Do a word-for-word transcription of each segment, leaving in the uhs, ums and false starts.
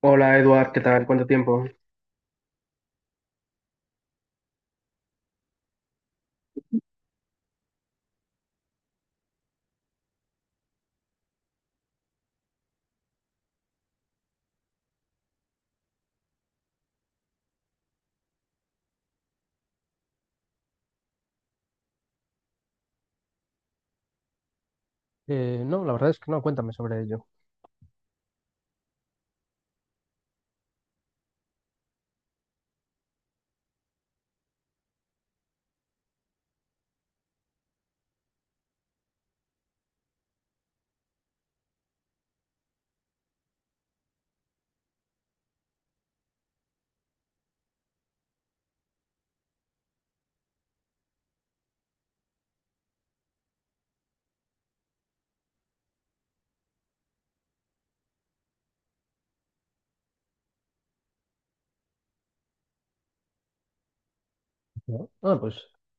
Hola Eduard, ¿qué tal? ¿Cuánto tiempo? Eh, no, la verdad es que no, cuéntame sobre ello. ¿No? Ah, pues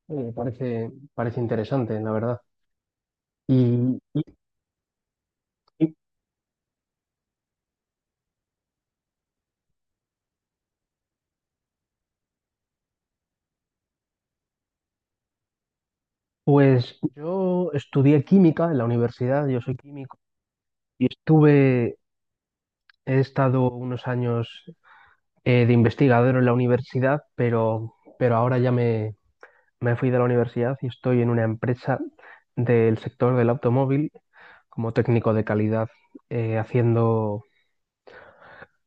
oye, parece, parece interesante, la verdad. Y, y- y, pues yo estudié química en la universidad, yo soy químico, y estuve, he estado unos años eh, de investigador en la universidad, pero, pero ahora ya me, me fui de la universidad y estoy en una empresa del sector del automóvil como técnico de calidad, eh, haciendo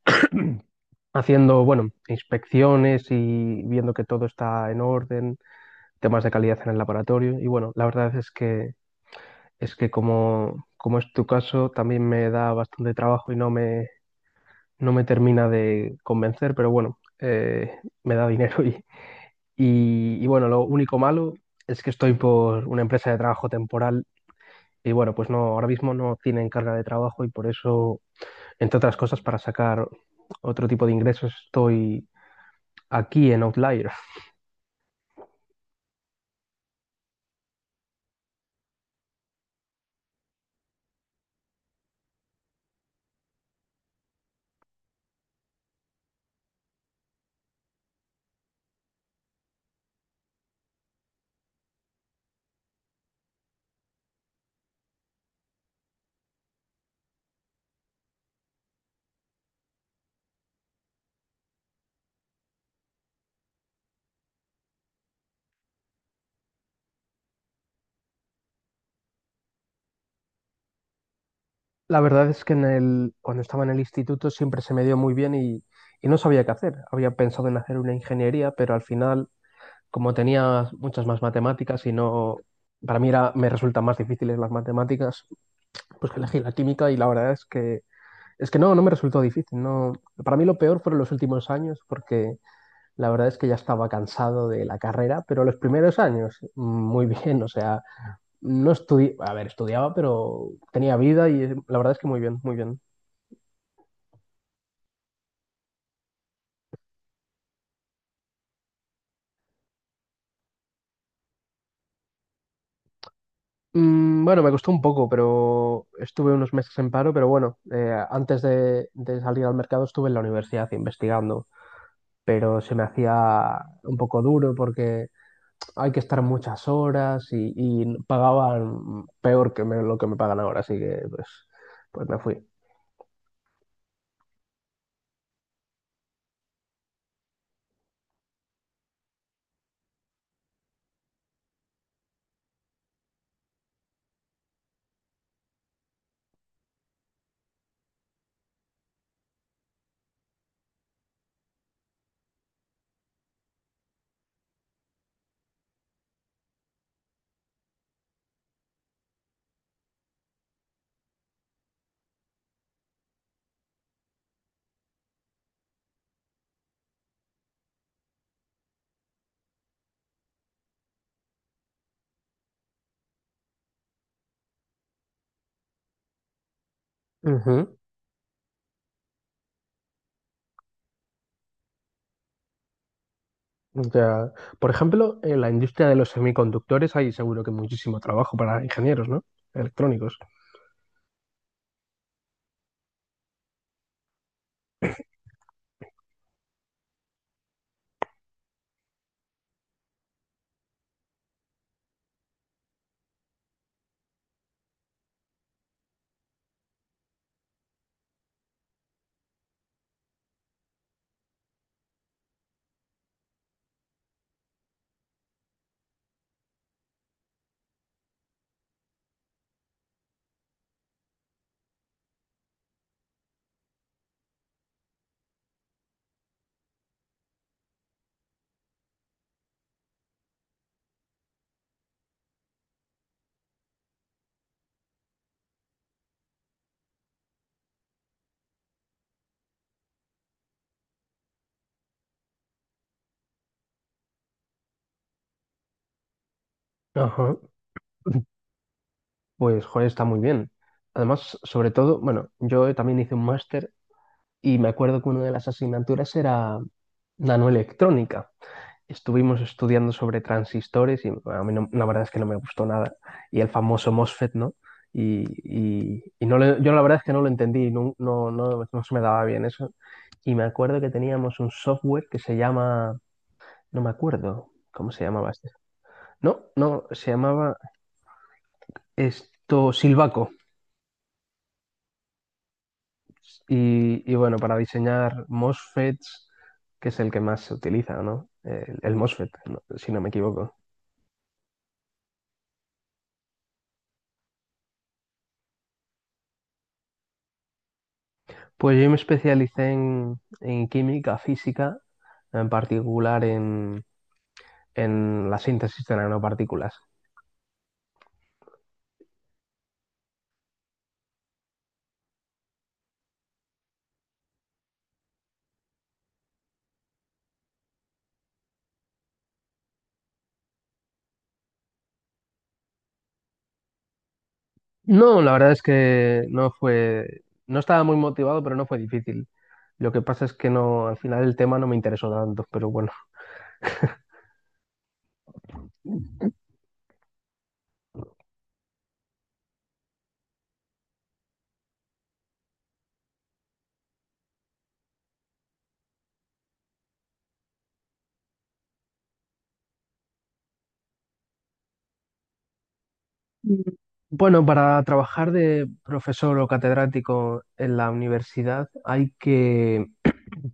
haciendo, bueno, inspecciones y viendo que todo está en orden, temas de calidad en el laboratorio. Y bueno, la verdad es que es que como, como es tu caso, también me da bastante trabajo y no me, no me termina de convencer, pero bueno, eh, me da dinero y, y, y bueno, lo único malo es que estoy por una empresa de trabajo temporal. Y bueno, pues no, ahora mismo no tienen carga de trabajo y por eso, entre otras cosas, para sacar otro tipo de ingresos estoy aquí en Outlier. La verdad es que en el, cuando estaba en el instituto siempre se me dio muy bien y, y no sabía qué hacer. Había pensado en hacer una ingeniería, pero al final, como tenía muchas más matemáticas y no, para mí era, me resultan más difíciles las matemáticas, pues que elegí la química y la verdad es que es que no, no me resultó difícil. No. Para mí lo peor fueron los últimos años porque la verdad es que ya estaba cansado de la carrera, pero los primeros años, muy bien, o sea, no estudié, a ver, estudiaba, pero tenía vida y eh, la verdad es que muy bien, muy bien. Mm, bueno, me costó un poco, pero estuve unos meses en paro, pero bueno, eh, antes de, de salir al mercado estuve en la universidad investigando, pero se me hacía un poco duro porque hay que estar muchas horas y, y pagaban peor que me- lo que me pagan ahora, así que pues, pues me fui. Ujú. O sea, por ejemplo, en la industria de los semiconductores hay seguro que muchísimo trabajo para ingenieros, ¿no? Electrónicos. Ajá. Pues, joder, está muy bien. Además, sobre todo, bueno, yo también hice un máster y me acuerdo que una de las asignaturas era nanoelectrónica. Estuvimos estudiando sobre transistores y a mí no- la verdad es que no me gustó nada. Y el famoso MOSFET, ¿no? Y, y- y no le- yo la verdad es que no lo entendí, no, no, no, no se me daba bien eso. Y me acuerdo que teníamos un software que se llama, no me acuerdo cómo se llamaba este. No, no, se llamaba esto Silvaco. Y, y bueno, para diseñar MOSFETs, que es el que más se utiliza, ¿no? El, el MOSFET, ¿no? si no me equivoco. Pues yo me especialicé en, en química física, en particular en, en la síntesis de nanopartículas. No, la verdad es que no fue, no estaba muy motivado, pero no fue difícil. Lo que pasa es que no, al final el tema no me interesó tanto, pero bueno. Bueno, para trabajar de profesor o catedrático en la universidad hay que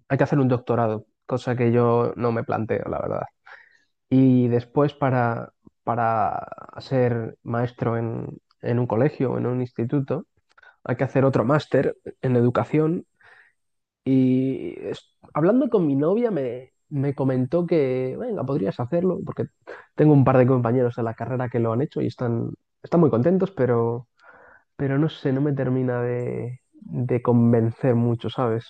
hay que hacer un doctorado, cosa que yo no me planteo, la verdad. Y después para, para ser maestro en, en un colegio o en un instituto, hay que hacer otro máster en educación. Y es- hablando con mi novia me, me comentó que, venga, podrías hacerlo, porque tengo un par de compañeros de la carrera que lo han hecho y están, están muy contentos, pero, pero no sé, no me termina de, de convencer mucho, ¿sabes?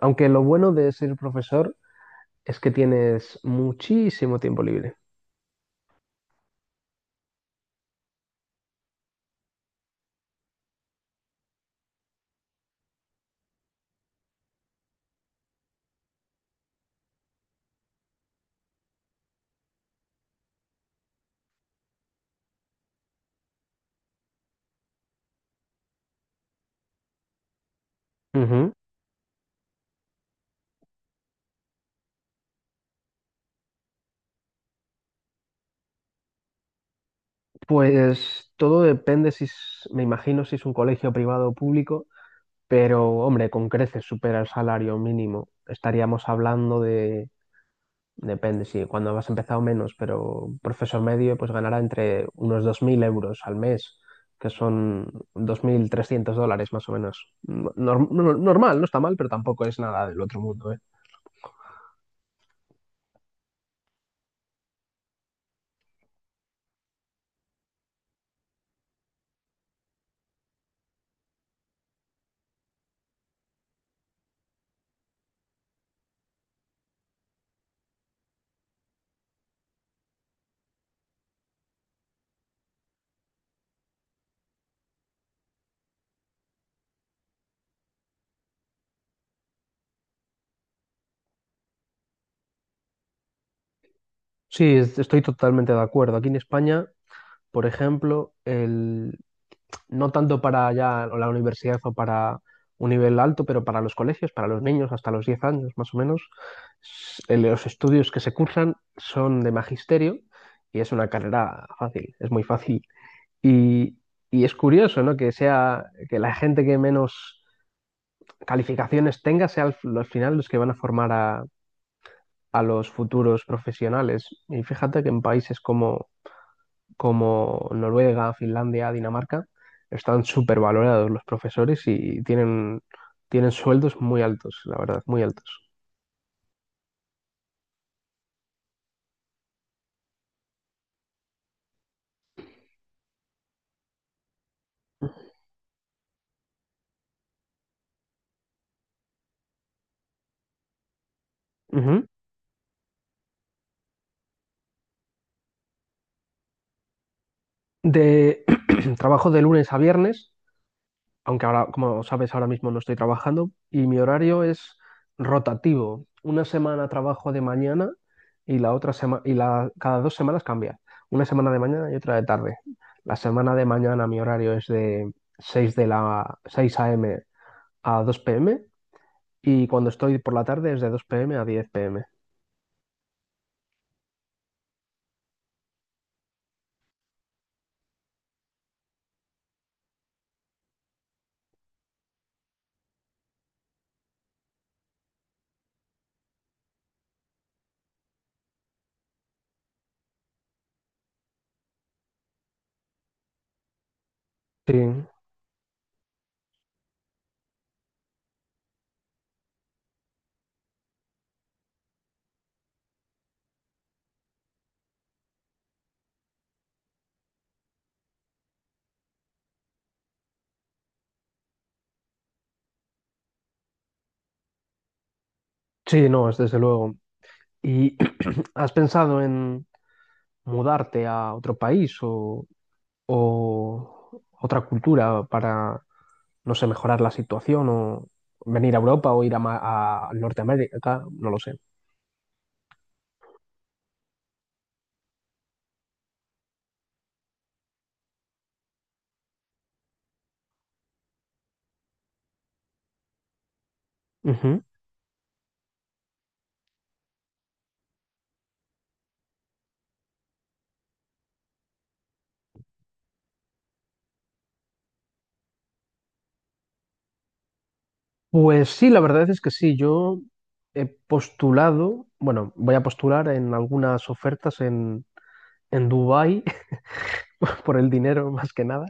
Aunque lo bueno de ser profesor es que tienes muchísimo tiempo libre. Ujú. Pues todo depende si es- me imagino si es un colegio privado o público, pero hombre, con creces supera el salario mínimo. Estaríamos hablando de, depende si cuando has empezado menos, pero un profesor medio pues ganará entre unos dos mil euros al mes, que son dos mil trescientos dólares más o menos. No- nor- no- normal, no está mal, pero tampoco es nada del otro mundo, ¿eh? Sí, es- estoy totalmente de acuerdo. Aquí en España por ejemplo, el, no tanto para ya la universidad o para un nivel alto, pero para los colegios, para los niños hasta los diez años más o menos, s- el- los estudios que se cursan son de magisterio y es una carrera fácil, es muy fácil. Y, y es curioso, ¿no? Que sea que la gente que menos calificaciones tenga sea al, al final los que van a formar a, a, los futuros profesionales. Y fíjate que en países como como Noruega, Finlandia, Dinamarca, están súper valorados los profesores y tienen, tienen sueldos muy altos, la verdad, muy altos. Ujú. De trabajo de lunes a viernes, aunque ahora, como sabes, ahora mismo no estoy trabajando, y mi horario es rotativo. Una semana trabajo de mañana y la otra semana, y la, cada dos semanas cambia. Una semana de mañana y otra de tarde. La semana de mañana mi horario es de seis de la seis de la mañana a dos de la tarde. Y cuando estoy por la tarde es de dos de la tarde a diez de la noche. Sí, sí, no, es desde luego. ¿Y has pensado en mudarte a otro país o, o otra cultura para, no sé, mejorar la situación o venir a Europa o ir a, Ma- a Norteamérica? No lo sé. Ujú. Pues sí, la verdad es que sí. Yo he postulado, bueno, voy a postular en algunas ofertas en, en Dubái por el dinero más que nada.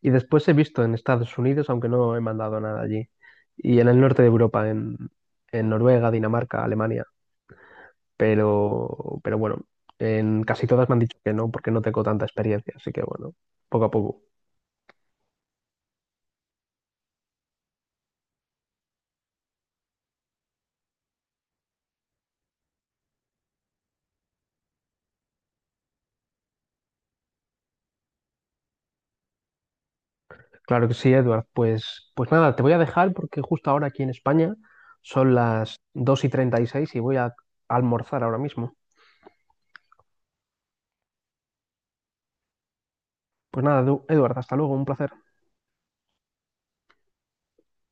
Y después he visto en Estados Unidos, aunque no he mandado nada allí. Y en el norte de Europa, en, en Noruega, Dinamarca, Alemania. Pero, pero bueno, en casi todas me han dicho que no, porque no tengo tanta experiencia. Así que bueno, poco a poco. Claro que sí, Edward. Pues, pues nada, te voy a dejar porque justo ahora aquí en España son las dos y treinta y seis y seis y voy a almorzar ahora mismo. Pues nada, Edu- Edward, hasta luego, un placer.